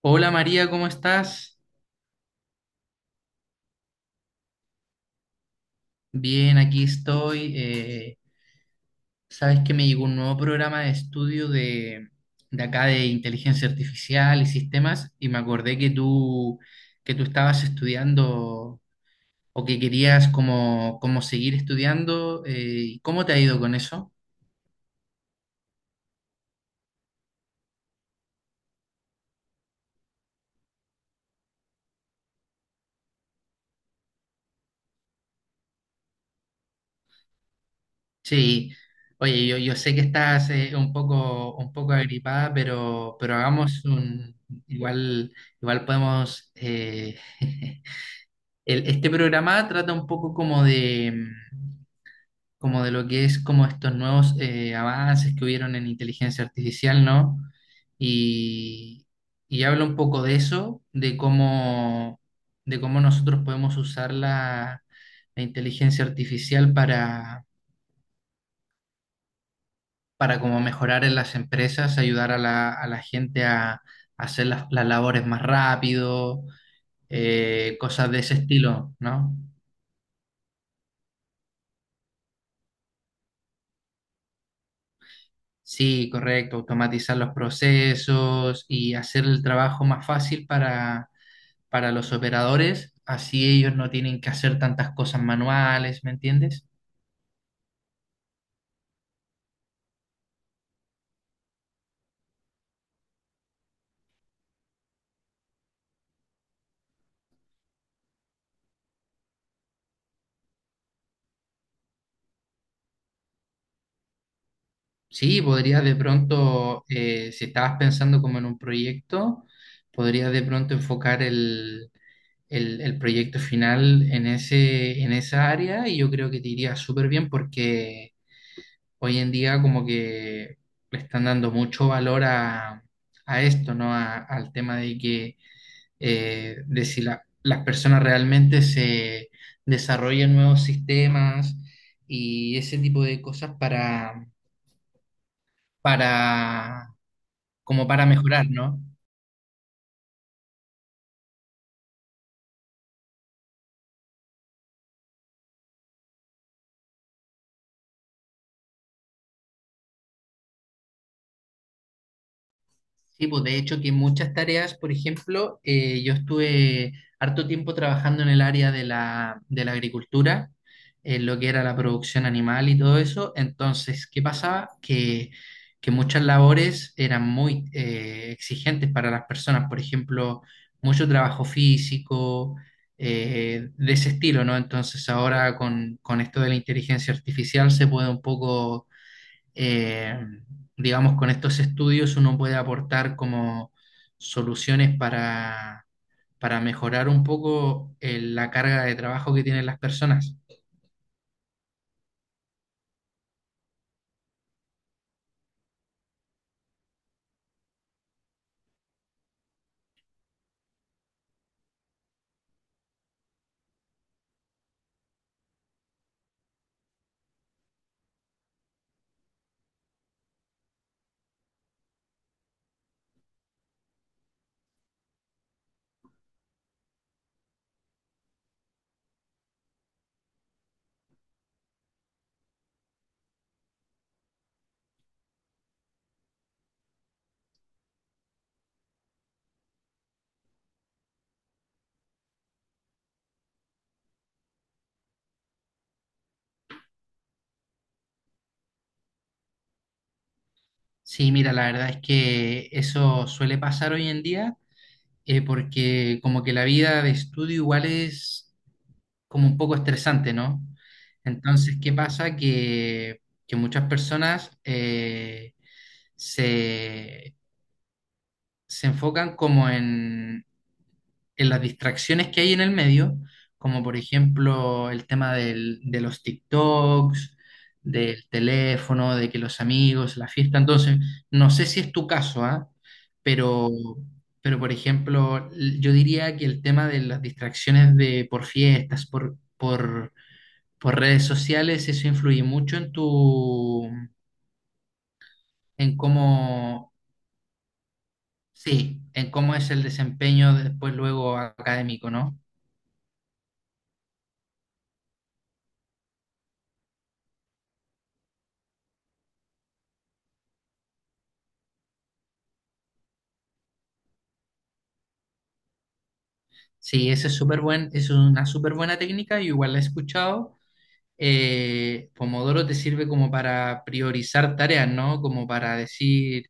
Hola María, ¿cómo estás? Bien, aquí estoy. Sabes que me llegó un nuevo programa de estudio de acá de inteligencia artificial y sistemas y me acordé que tú estabas estudiando o que querías como seguir estudiando. ¿Cómo te ha ido con eso? Sí, oye, yo sé que estás un poco agripada, pero hagamos un... Igual, igual podemos... este programa trata un poco como de, como de lo que es como estos nuevos avances que hubieron en inteligencia artificial, ¿no? Y, y habla un poco de eso, de cómo nosotros podemos usar la inteligencia artificial para como mejorar en las empresas, ayudar a a la gente a hacer las labores más rápido, cosas de ese estilo, ¿no? Sí, correcto, automatizar los procesos y hacer el trabajo más fácil para los operadores, así ellos no tienen que hacer tantas cosas manuales, ¿me entiendes? Sí, podrías de pronto, si estabas pensando como en un proyecto, podrías de pronto enfocar el proyecto final en ese, en esa área y yo creo que te iría súper bien porque hoy en día como que le están dando mucho valor a esto, ¿no? Al tema de que de si las personas realmente se desarrollan nuevos sistemas y ese tipo de cosas para, como para mejorar, ¿no? Sí, pues de hecho que muchas tareas, por ejemplo, yo estuve harto tiempo trabajando en el área de de la agricultura, en lo que era la producción animal y todo eso. Entonces, ¿qué pasaba? Que muchas labores eran muy exigentes para las personas, por ejemplo, mucho trabajo físico, de ese estilo, ¿no? Entonces ahora con esto de la inteligencia artificial se puede un poco eh, digamos, con estos estudios uno puede aportar como soluciones para mejorar un poco la carga de trabajo que tienen las personas. Sí, mira, la verdad es que eso suele pasar hoy en día, porque como que la vida de estudio igual es como un poco estresante, ¿no? Entonces, ¿qué pasa? Que muchas personas se, se enfocan como en las distracciones que hay en el medio, como por ejemplo el tema de los TikToks, del teléfono, de que los amigos, la fiesta. Entonces, no sé si es tu caso, ¿ah? Pero, pero por ejemplo, yo diría que el tema de las distracciones por fiestas, por redes sociales, eso influye mucho en tu, en cómo, sí, en cómo es el desempeño después luego académico, ¿no? Sí, ese es súper buen, es una súper buena técnica, yo igual la he escuchado. Pomodoro te sirve como para priorizar tareas, ¿no? Como para decir,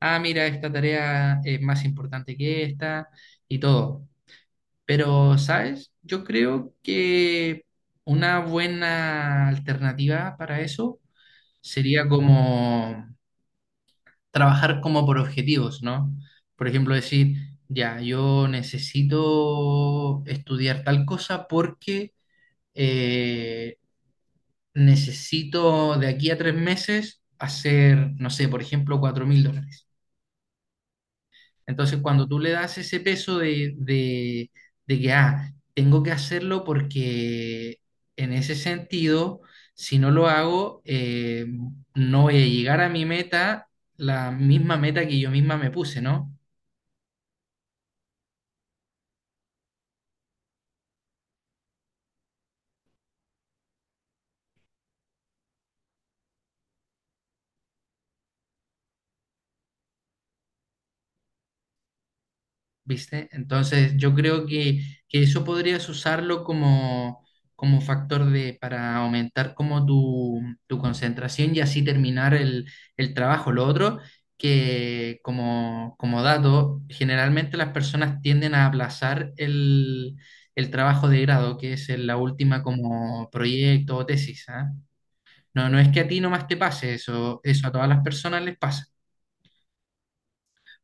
ah, mira, esta tarea es más importante que esta y todo. Pero, ¿sabes? Yo creo que una buena alternativa para eso sería como trabajar como por objetivos, ¿no? Por ejemplo, decir, ya, yo necesito estudiar tal cosa porque eh, necesito de aquí a 3 meses hacer, no sé, por ejemplo, $4.000. Entonces, cuando tú le das ese peso de que, ah, tengo que hacerlo porque en ese sentido, si no lo hago, no voy a llegar a mi meta, la misma meta que yo misma me puse, ¿no? ¿Viste? Entonces, yo creo que eso podrías usarlo como, como factor de, para aumentar como tu concentración y así terminar el trabajo. Lo otro, que como, como dato, generalmente las personas tienden a aplazar el trabajo de grado, que es la última como proyecto o tesis, ¿ah? No, no es que a ti nomás te pase eso, eso a todas las personas les pasa.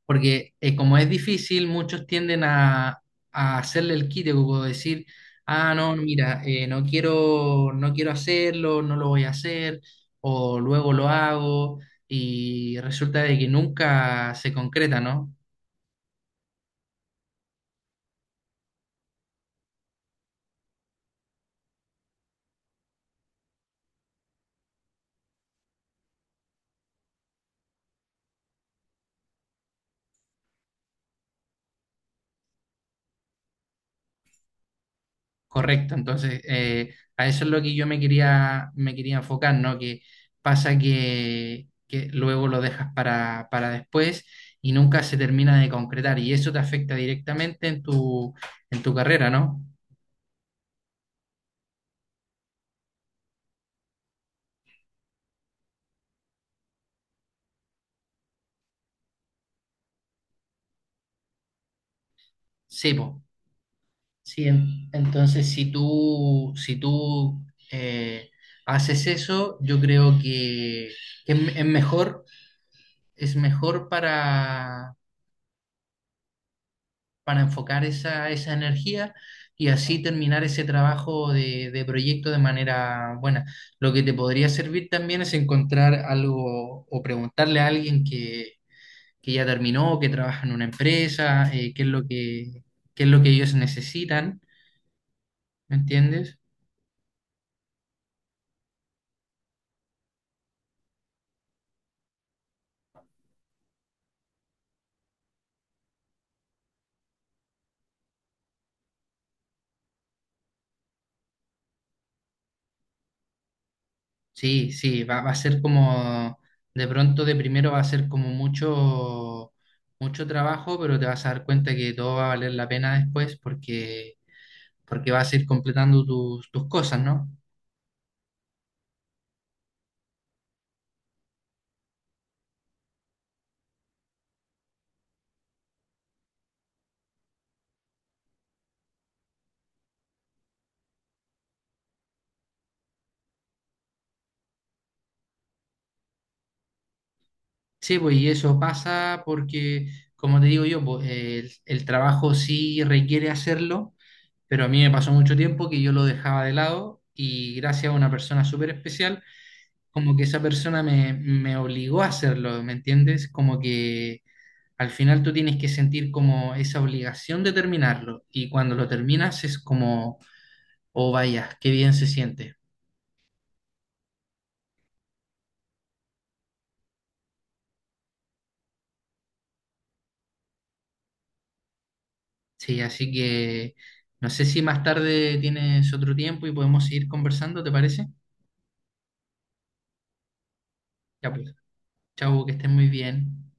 Porque como es difícil, muchos tienden a hacerle el quite, como decir, ah, no, mira, no quiero hacerlo, no lo voy a hacer, o luego lo hago, y resulta de que nunca se concreta, ¿no? Correcto, entonces a eso es lo que me quería enfocar, ¿no? Que pasa que luego lo dejas para después y nunca se termina de concretar, y eso te afecta directamente en tu carrera, ¿no? Sí, po. Sí, entonces si tú eh, haces eso, yo creo que, que es, es mejor, es mejor para enfocar esa energía y así terminar ese trabajo de proyecto de manera buena. Lo que te podría servir también es encontrar algo o preguntarle a alguien que ya terminó, que trabaja en una empresa, qué es lo que, qué es lo que ellos necesitan, ¿me entiendes? Sí, sí, va, va a ser como, de pronto de primero va a ser como mucho, mucho trabajo, pero te vas a dar cuenta que todo va a valer la pena después porque, porque vas a ir completando tus, tus cosas, ¿no? Sí, pues y eso pasa porque, como te digo yo, pues, el trabajo sí requiere hacerlo, pero a mí me pasó mucho tiempo que yo lo dejaba de lado y gracias a una persona súper especial, como que esa persona me obligó a hacerlo, ¿me entiendes? Como que al final tú tienes que sentir como esa obligación de terminarlo y cuando lo terminas es como, oh vaya, qué bien se siente. Sí, así que no sé si más tarde tienes otro tiempo y podemos seguir conversando, ¿te parece? Ya pues, chao, que estés muy bien.